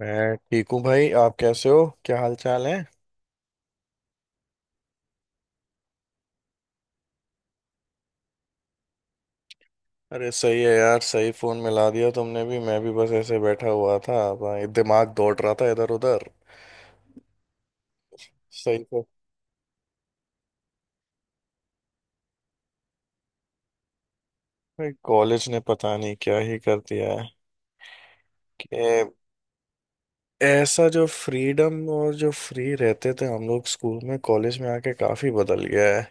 मैं ठीक हूँ भाई। आप कैसे हो? क्या हाल चाल है? अरे सही है यार। सही फोन मिला दिया तुमने भी। मैं भी बस ऐसे बैठा हुआ था भाई, दिमाग दौड़ रहा था इधर उधर। सही है। भाई कॉलेज ने पता नहीं क्या ही कर दिया है कि ऐसा जो फ्रीडम और जो फ्री रहते थे हम लोग स्कूल में, कॉलेज में आके काफी बदल गया है।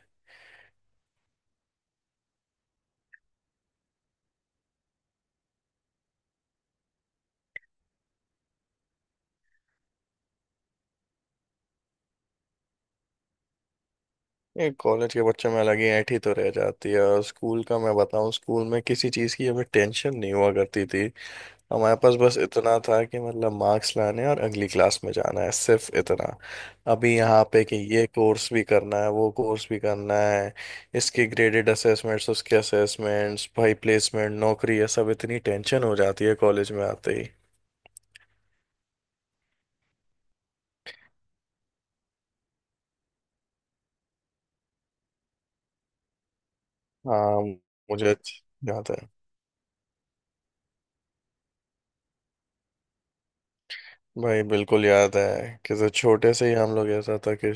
ये कॉलेज के बच्चों में अलग ही ऐंठ ही तो रह जाती है। और स्कूल का मैं बताऊं, स्कूल में किसी चीज़ की हमें टेंशन नहीं हुआ करती थी। हमारे पास बस इतना था कि मतलब मार्क्स लाने और अगली क्लास में जाना है, सिर्फ इतना। अभी यहाँ पे कि ये कोर्स भी करना है, वो कोर्स भी करना है। इसके ग्रेडेड असेसमेंट्स, उसके असेसमेंट्स, भाई प्लेसमेंट, नौकरी, ये सब इतनी टेंशन हो जाती है कॉलेज में आते ही। हाँ। मुझे याद है। भाई बिल्कुल याद है कि जब छोटे से ही हम लोग, ऐसा था कि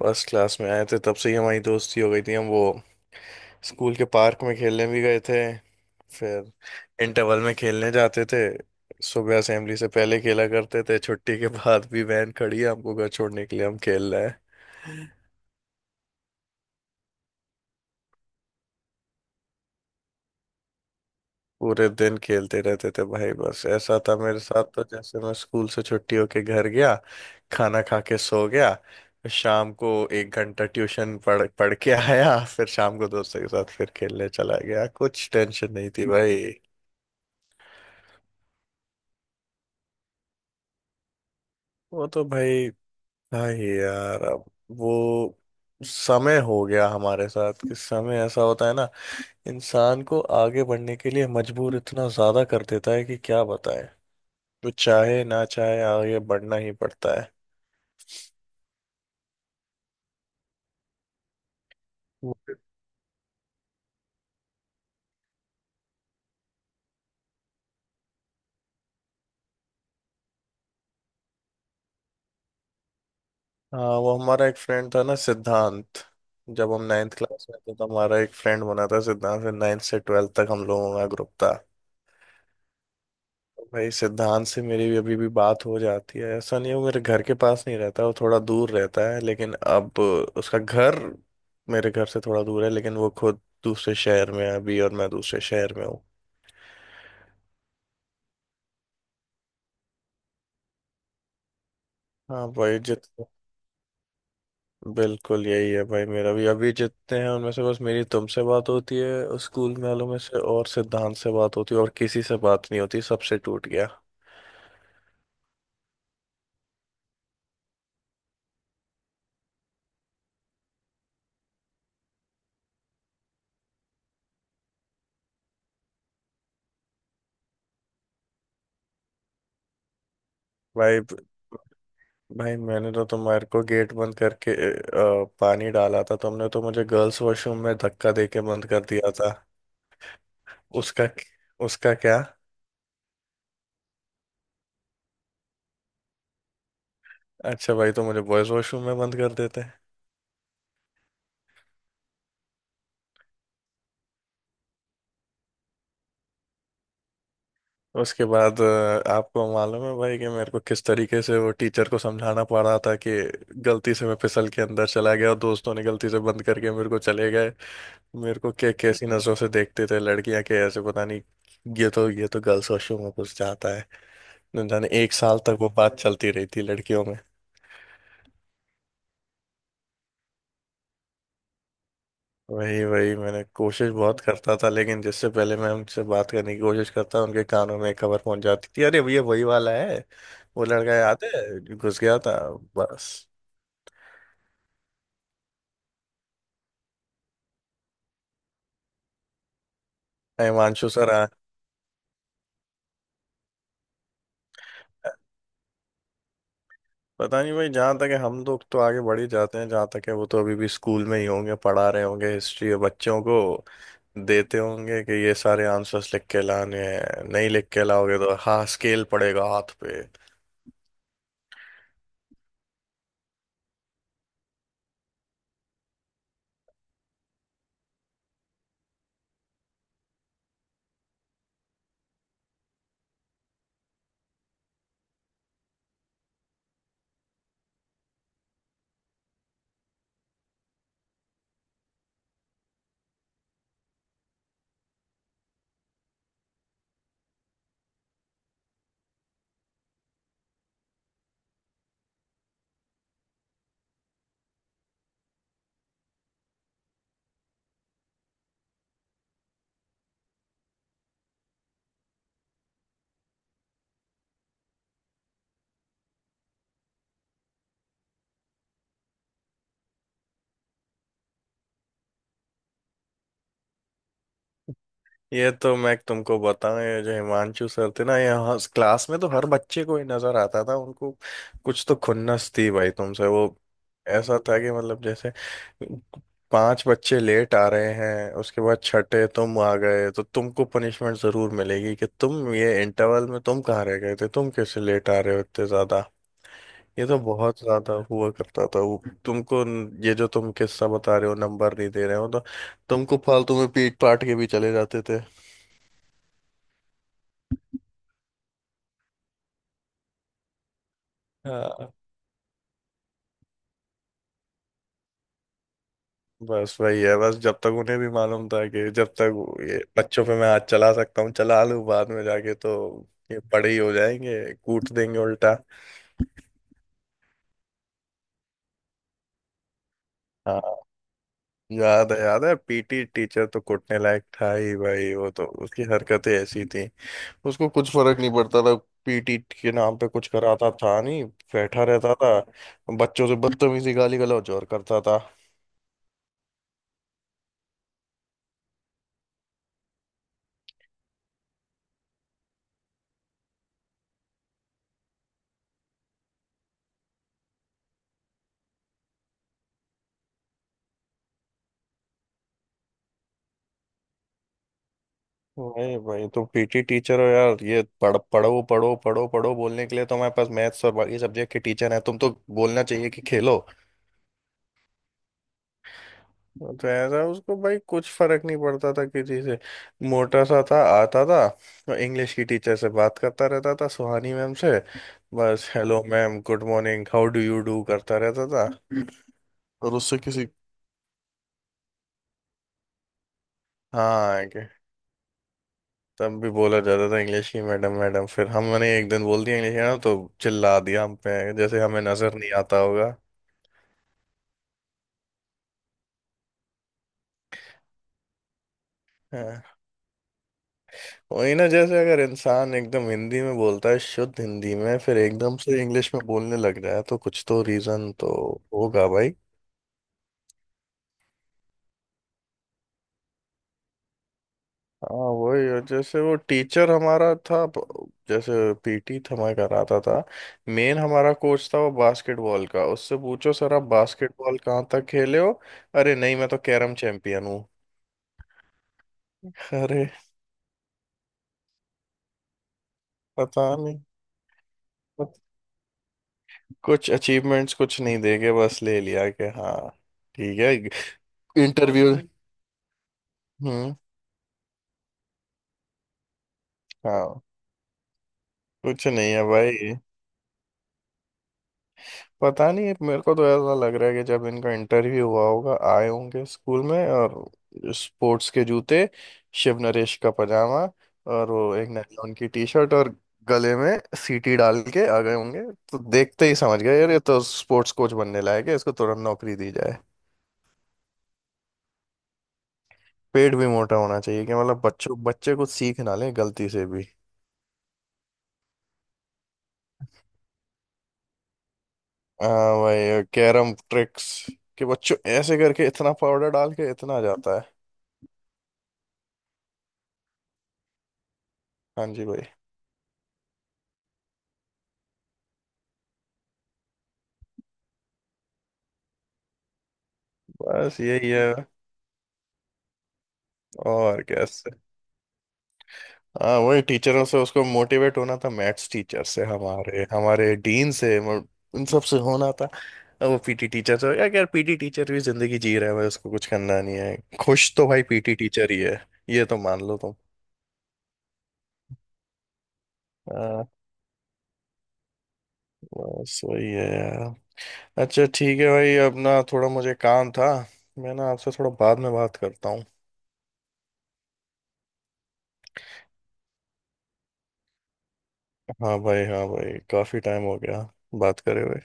फर्स्ट क्लास में आए थे तब से ही हमारी दोस्ती हो गई थी। हम वो स्कूल के पार्क में खेलने भी गए थे। फिर इंटरवल में खेलने जाते थे, सुबह असेंबली से पहले खेला करते थे, छुट्टी के बाद भी वैन खड़ी है हमको घर छोड़ने के लिए, हम खेल रहे हैं। पूरे दिन खेलते रहते थे भाई। बस ऐसा था मेरे साथ तो, जैसे मैं स्कूल से छुट्टी होके घर गया, खाना खा के सो गया, फिर शाम को 1 घंटा ट्यूशन पढ़ पढ़ के आया, फिर शाम को दोस्तों के साथ फिर खेलने चला गया, कुछ टेंशन नहीं थी भाई। वो तो भाई। हाँ यार, अब वो समय हो गया हमारे साथ कि समय ऐसा होता है ना, इंसान को आगे बढ़ने के लिए मजबूर इतना ज्यादा कर देता है कि क्या बताएं। वो चाहे ना चाहे आगे बढ़ना ही पड़ता है। वो- हाँ, वो हमारा एक फ्रेंड था ना, सिद्धांत। जब हम नाइन्थ क्लास में थे तो हमारा एक फ्रेंड बना था, सिद्धांत। फिर नाइन्थ से 12th तक हम लोगों का ग्रुप था। भाई सिद्धांत से मेरी भी अभी भी बात हो जाती है। ऐसा नहीं है, वो मेरे घर के पास नहीं रहता, वो थोड़ा दूर रहता है। लेकिन अब उसका घर मेरे घर से थोड़ा दूर है, लेकिन वो खुद दूसरे शहर में है अभी और मैं दूसरे शहर में हूँ। हाँ भाई। जित बिल्कुल यही है भाई। मेरा भी अभी जितने हैं उनमें से बस मेरी तुमसे बात होती है स्कूल वालों में से, और सिद्धांत से बात होती है, और किसी से बात नहीं होती। सबसे टूट गया। भाई भाई मैंने तो तुम्हारे को गेट बंद करके पानी डाला था। तुमने तो मुझे गर्ल्स वॉशरूम में धक्का दे के बंद कर दिया था। उसका उसका क्या? अच्छा भाई, तो मुझे बॉयज वॉशरूम में बंद कर देते। उसके बाद आपको मालूम है भाई कि मेरे को किस तरीके से वो टीचर को समझाना पड़ रहा था कि गलती से मैं फिसल के अंदर चला गया और दोस्तों ने गलती से बंद करके मेरे को चले गए। मेरे को के कैसी नजरों से देखते थे लड़कियां, के ऐसे पता नहीं। ये तो गर्ल्स वॉशरूम में घुस जाता है। न जाने एक साल तक वो बात चलती रही थी लड़कियों में। वही वही मैंने कोशिश बहुत करता था, लेकिन जिससे पहले मैं उनसे बात करने की कोशिश करता उनके कानों में खबर पहुंच जाती थी, अरे भैया वही वाला है। वो लड़का याद है जो घुस गया था, बस। हिमांशु सर आ पता नहीं भाई, जहाँ तक है हम लोग तो आगे बढ़ ही जाते हैं, जहाँ तक है वो तो अभी भी स्कूल में ही होंगे पढ़ा रहे होंगे हिस्ट्री बच्चों को। देते होंगे कि ये सारे आंसर्स लिख के लाने हैं, नहीं लिख के लाओगे तो हाँ, स्केल पड़ेगा हाथ पे। ये तो मैं तुमको बताऊं, ये जो हिमांशु सर थे ना, यहाँ क्लास में तो हर बच्चे को ही नजर आता था। उनको कुछ तो खुन्नस थी भाई तुमसे वो। ऐसा था कि मतलब जैसे पांच बच्चे लेट आ रहे हैं, उसके बाद छठे तुम आ गए तो तुमको पनिशमेंट जरूर मिलेगी कि तुम ये इंटरवल में तुम कहाँ रह गए थे, तुम कैसे लेट आ रहे हो इतने ज्यादा। ये तो बहुत ज्यादा हुआ करता था। वो तुमको ये जो तुम किस्सा बता रहे हो नंबर नहीं दे रहे हो तो तुमको फालतू में पीट पाट के भी चले जाते थे। हाँ, बस वही है। बस जब तक उन्हें भी मालूम था कि जब तक ये बच्चों पे मैं हाथ चला सकता हूँ चला लूँ, बाद में जाके तो ये बड़े ही हो जाएंगे, कूट देंगे उल्टा। हाँ। याद है, याद है, पीटी टीचर तो कूटने लायक था ही भाई, वो तो उसकी हरकतें ऐसी थी। उसको कुछ फर्क नहीं पड़ता था। पीटी के नाम पे कुछ कराता था नहीं, बैठा रहता था, बच्चों से बदतमीजी गाली गलौज और करता था। नहीं भाई, तुम पीटी टीचर हो यार, ये पढ़ पढ़ो पढ़ो पढ़ो पढ़ो बोलने के लिए तो हमारे पास मैथ्स और बाकी सब्जेक्ट के टीचर हैं। तुम तो बोलना चाहिए कि खेलो। तो ऐसा उसको भाई कुछ फर्क नहीं पड़ता था किसी से। मोटा सा था, आता था और इंग्लिश की टीचर से बात करता रहता था, सुहानी मैम से। बस hello ma'am, good morning, how do you do करता रहता था। और उससे किसी। हाँ। तब भी बोला जाता था इंग्लिश की मैडम मैडम, फिर हमने एक दिन बोल दिया इंग्लिश मैडम तो चिल्ला दिया हम पे, जैसे हमें नजर नहीं आता होगा। हाँ, वही ना, जैसे अगर इंसान एकदम हिंदी में बोलता है शुद्ध हिंदी में, फिर एकदम से इंग्लिश में बोलने लग जाए तो कुछ तो रीजन तो होगा भाई। हाँ वही। और जैसे वो टीचर हमारा था जैसे, पीटी हमारा कराता था, मेन हमारा कोच था वो बास्केटबॉल का, उससे पूछो सर आप बास्केटबॉल कहाँ तक खेले हो? अरे नहीं, मैं तो कैरम चैंपियन हूँ। अरे पता नहीं, कुछ कुछ अचीवमेंट्स कुछ नहीं देखे बस ले लिया कि हाँ, ठीक है। इंटरव्यू अच्छा। हम्म। हाँ। कुछ नहीं है भाई। पता नहीं, मेरे को तो ऐसा लग रहा है कि जब इनका इंटरव्यू हुआ होगा, आए होंगे स्कूल में और स्पोर्ट्स के जूते, शिव नरेश का पजामा, और वो एक नायलॉन की टी शर्ट, और गले में सीटी डाल के आ गए होंगे, तो देखते ही समझ गए यार ये तो स्पोर्ट्स कोच बनने लायक है, इसको तुरंत नौकरी दी जाए। पेट भी मोटा होना चाहिए, कि मतलब बच्चों बच्चे कुछ सीख ना ले गलती से भी। हाँ भाई, कैरम ट्रिक्स, कि बच्चों ऐसे करके इतना पाउडर डाल के इतना जाता है। हाँ जी भाई। बस यही है। और कैसे। हाँ वही, टीचरों से उसको मोटिवेट होना था, मैथ्स टीचर से, हमारे हमारे डीन से, मतलब इन सब से होना था। अब वो पीटी टीचर से। यार यार पीटी टीचर भी जिंदगी जी रहा है भाई, उसको कुछ करना नहीं है, खुश तो भाई पीटी टीचर ही है, ये तो मान लो तुम। हाँ, बस वही है यार। अच्छा ठीक है भाई, अब ना थोड़ा मुझे काम था, मैं ना आपसे थोड़ा बाद में बात करता हूँ। हाँ भाई, हाँ भाई, काफ़ी टाइम हो गया बात करे हुए।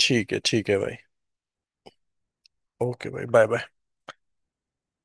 ठीक है, ठीक है भाई। ओके भाई। Bye bye.